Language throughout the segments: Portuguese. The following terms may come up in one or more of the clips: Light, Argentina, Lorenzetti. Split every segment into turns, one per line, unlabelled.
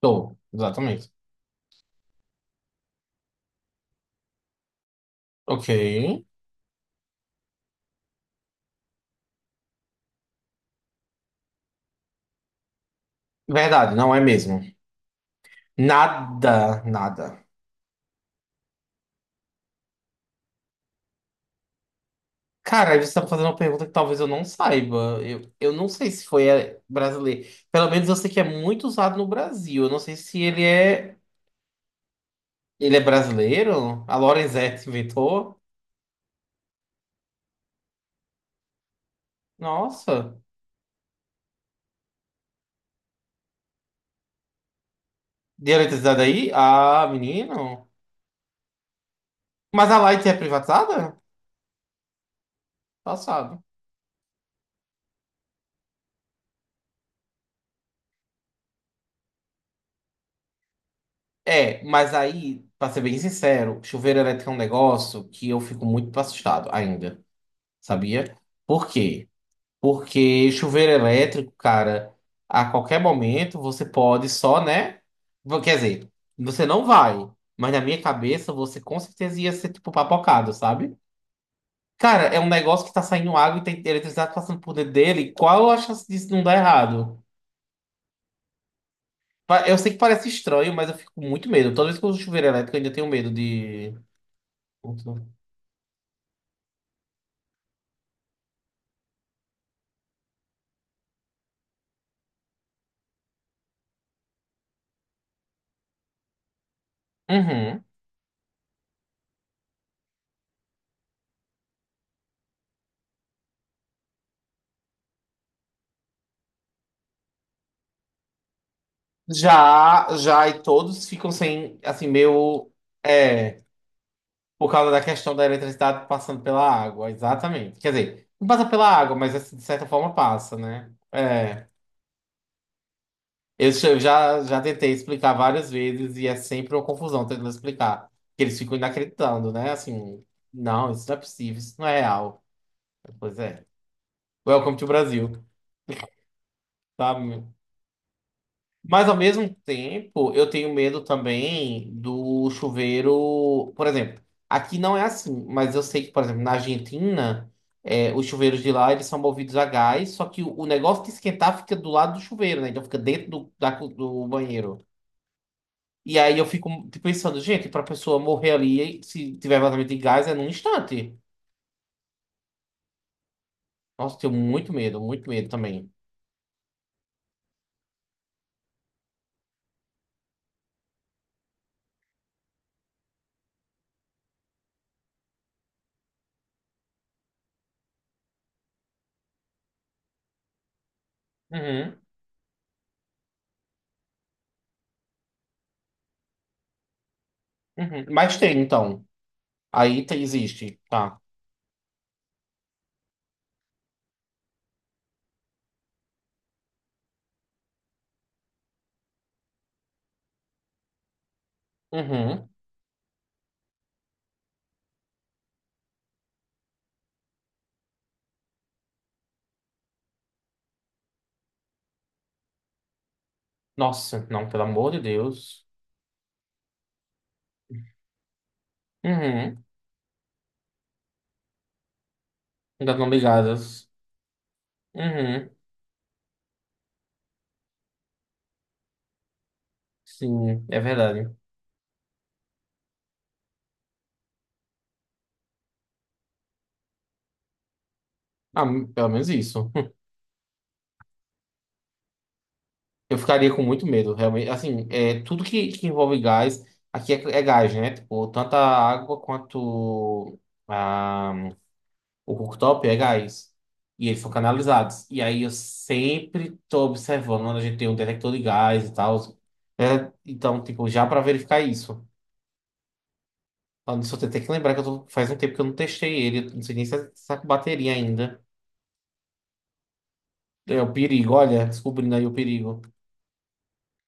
Tô, exatamente. Ok. Verdade, não é mesmo. Nada, nada. Cara, aí você tá me fazendo uma pergunta que talvez eu não saiba. Eu não sei se foi brasileiro. Pelo menos eu sei que é muito usado no Brasil. Eu não sei se ele é. Ele é brasileiro? A Lorenzetti inventou? Nossa. De eletricidade aí? Ah, menino. Mas a Light é privatizada? Passado. É, mas aí, pra ser bem sincero, chuveiro elétrico é um negócio que eu fico muito assustado ainda. Sabia? Por quê? Porque chuveiro elétrico, cara, a qualquer momento você pode só, né? Quer dizer, você não vai, mas na minha cabeça você com certeza ia ser tipo papocado, sabe? Cara, é um negócio que tá saindo água e tem eletricidade passando por dentro dele. Qual a chance disso não dar errado? Eu sei que parece estranho, mas eu fico com muito medo. Toda vez que eu uso chuveiro elétrico, eu ainda tenho medo de. Uhum. Já, já, e todos ficam sem, assim, meio. É. Por causa da questão da eletricidade passando pela água, exatamente. Quer dizer, não passa pela água, mas assim, de certa forma passa, né? É. Eu já, já tentei explicar várias vezes e é sempre uma confusão tentando explicar. Que eles ficam inacreditando, né? Assim, não, isso não é possível, isso não é real. Pois é. Welcome to Brasil, tá? Mas ao mesmo tempo, eu tenho medo também do chuveiro. Por exemplo, aqui não é assim, mas eu sei que, por exemplo, na Argentina, os chuveiros de lá eles são movidos a gás, só que o negócio de esquentar fica do lado do chuveiro, né? Então fica dentro do banheiro. E aí eu fico pensando, gente, pra pessoa morrer ali, se tiver vazamento de gás, é num instante. Nossa, tenho muito medo também. Uhum, uhum. Mas tem, então. Existe, tá? Uhum. Nossa, não, pelo amor de Deus. Uhum. Ainda não ligadas. Uhum. Sim, é verdade. Ah, pelo menos isso. Eu ficaria com muito medo, realmente. Assim, tudo que envolve gás, aqui é gás, né? Tipo, tanto a água quanto a, o cooktop é gás. E eles são canalizados. E aí eu sempre tô observando quando a gente tem um detector de gás e tal. É, então, tipo, já para verificar isso. Ah, nisso eu tenho até que lembrar que eu faz um tempo que eu não testei ele. Não sei nem se está com bateria ainda. É o perigo, olha, descobrindo aí o perigo.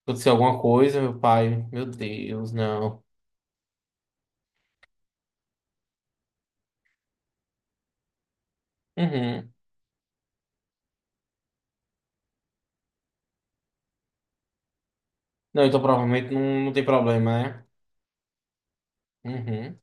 Aconteceu alguma coisa, meu pai. Meu Deus, não. Uhum. Não, então provavelmente não, não tem problema, né? Uhum.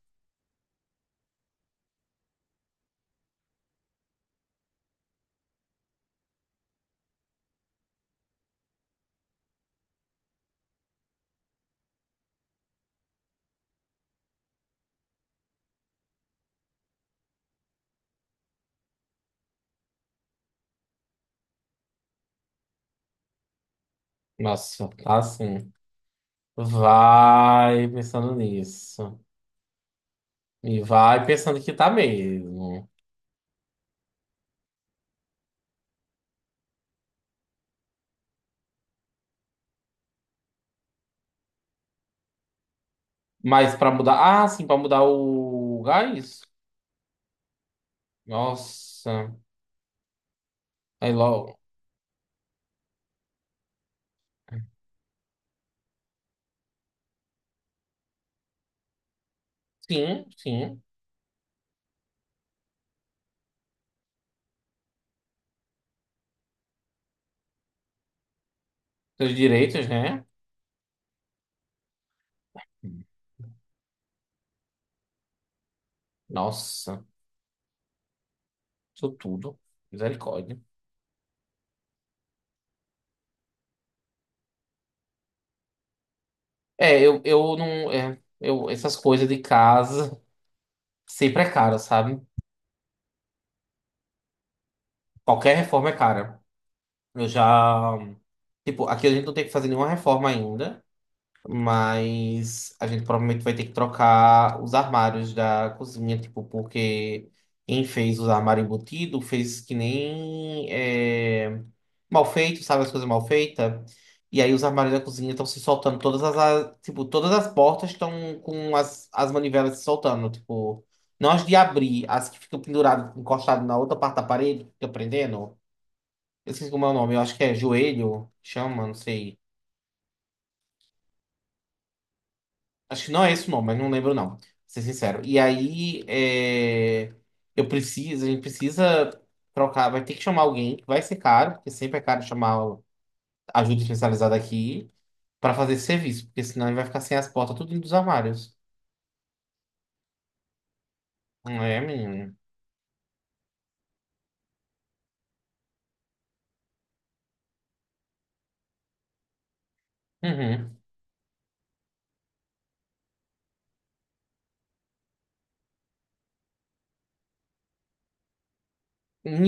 Nossa, tá assim. Vai pensando nisso. E vai pensando que tá mesmo. Mas pra mudar. Ah, sim, pra mudar o gás? Nossa. Aí logo. Sim, sim. Seus direitos, né? Nossa, isso tudo. Misericórdia. É, eu não. Essas coisas de casa sempre é cara, sabe? Qualquer reforma é cara. Eu já. Tipo, aqui a gente não tem que fazer nenhuma reforma ainda. Mas a gente provavelmente vai ter que trocar os armários da cozinha, tipo, porque quem fez os armários embutidos fez que nem mal feito, sabe, as coisas mal feitas. E aí os armários da cozinha estão se soltando, tipo, todas as portas estão com as manivelas se soltando, tipo, não as de abrir, as que ficam penduradas, encostadas na outra parte da parede, que fica prendendo. Eu esqueci como é o nome, eu acho que é joelho, chama, não sei. Acho que não é esse o nome, mas não lembro, não. Pra ser sincero. E aí, a gente precisa trocar. Vai ter que chamar alguém, que vai ser caro, porque sempre é caro chamar ajuda especializada aqui, pra fazer esse serviço, porque senão ele vai ficar sem as portas, tudo indo dos armários. Não é, menino? Uhum.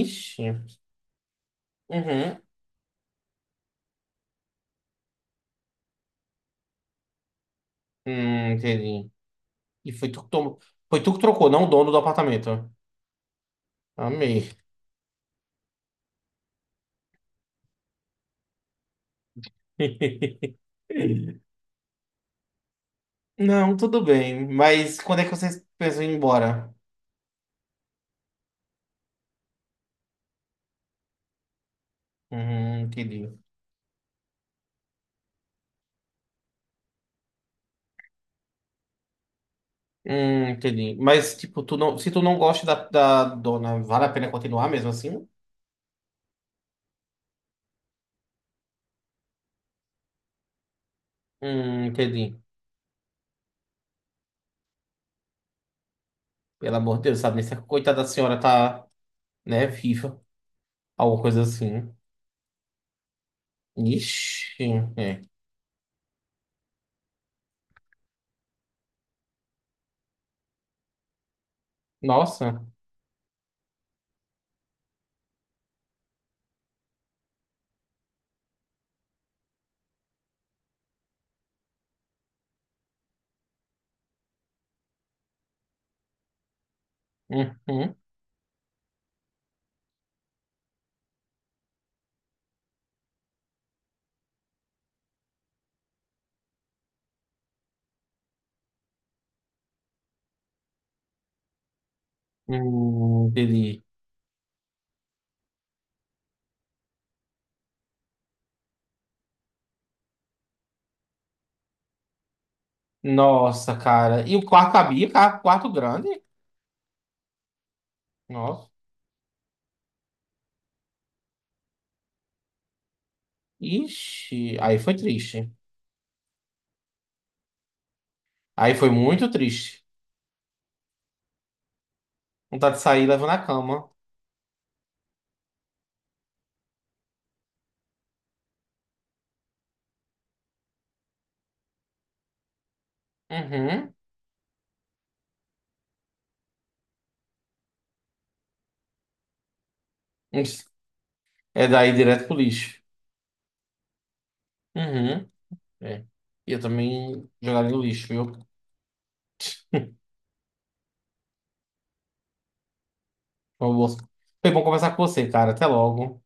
Ixi. Uhum. Entendi. E foi tu que tomou. Foi tu que trocou, não o dono do apartamento. Amei. Não, tudo bem. Mas quando é que vocês pensam em ir embora? Entendi. Entendi. Mas, tipo, tu não, se tu não gosta da dona, vale a pena continuar mesmo assim? Entendi. Pelo amor de Deus, sabe? Nem se a coitada da senhora tá, né, viva. Alguma coisa assim. Ixi, é. Nossa. Uhum. Entendi. Nossa, cara. E o quarto cabia, cara? Quarto grande? Nossa. Ixi. Aí foi triste. Aí foi muito triste. Vontade de sair levando a cama. Uhum. Ixi. É daí direto pro lixo. Uhum, é. Eu também jogaria no lixo, viu? Foi bom foi bom conversar com você, cara. Até logo.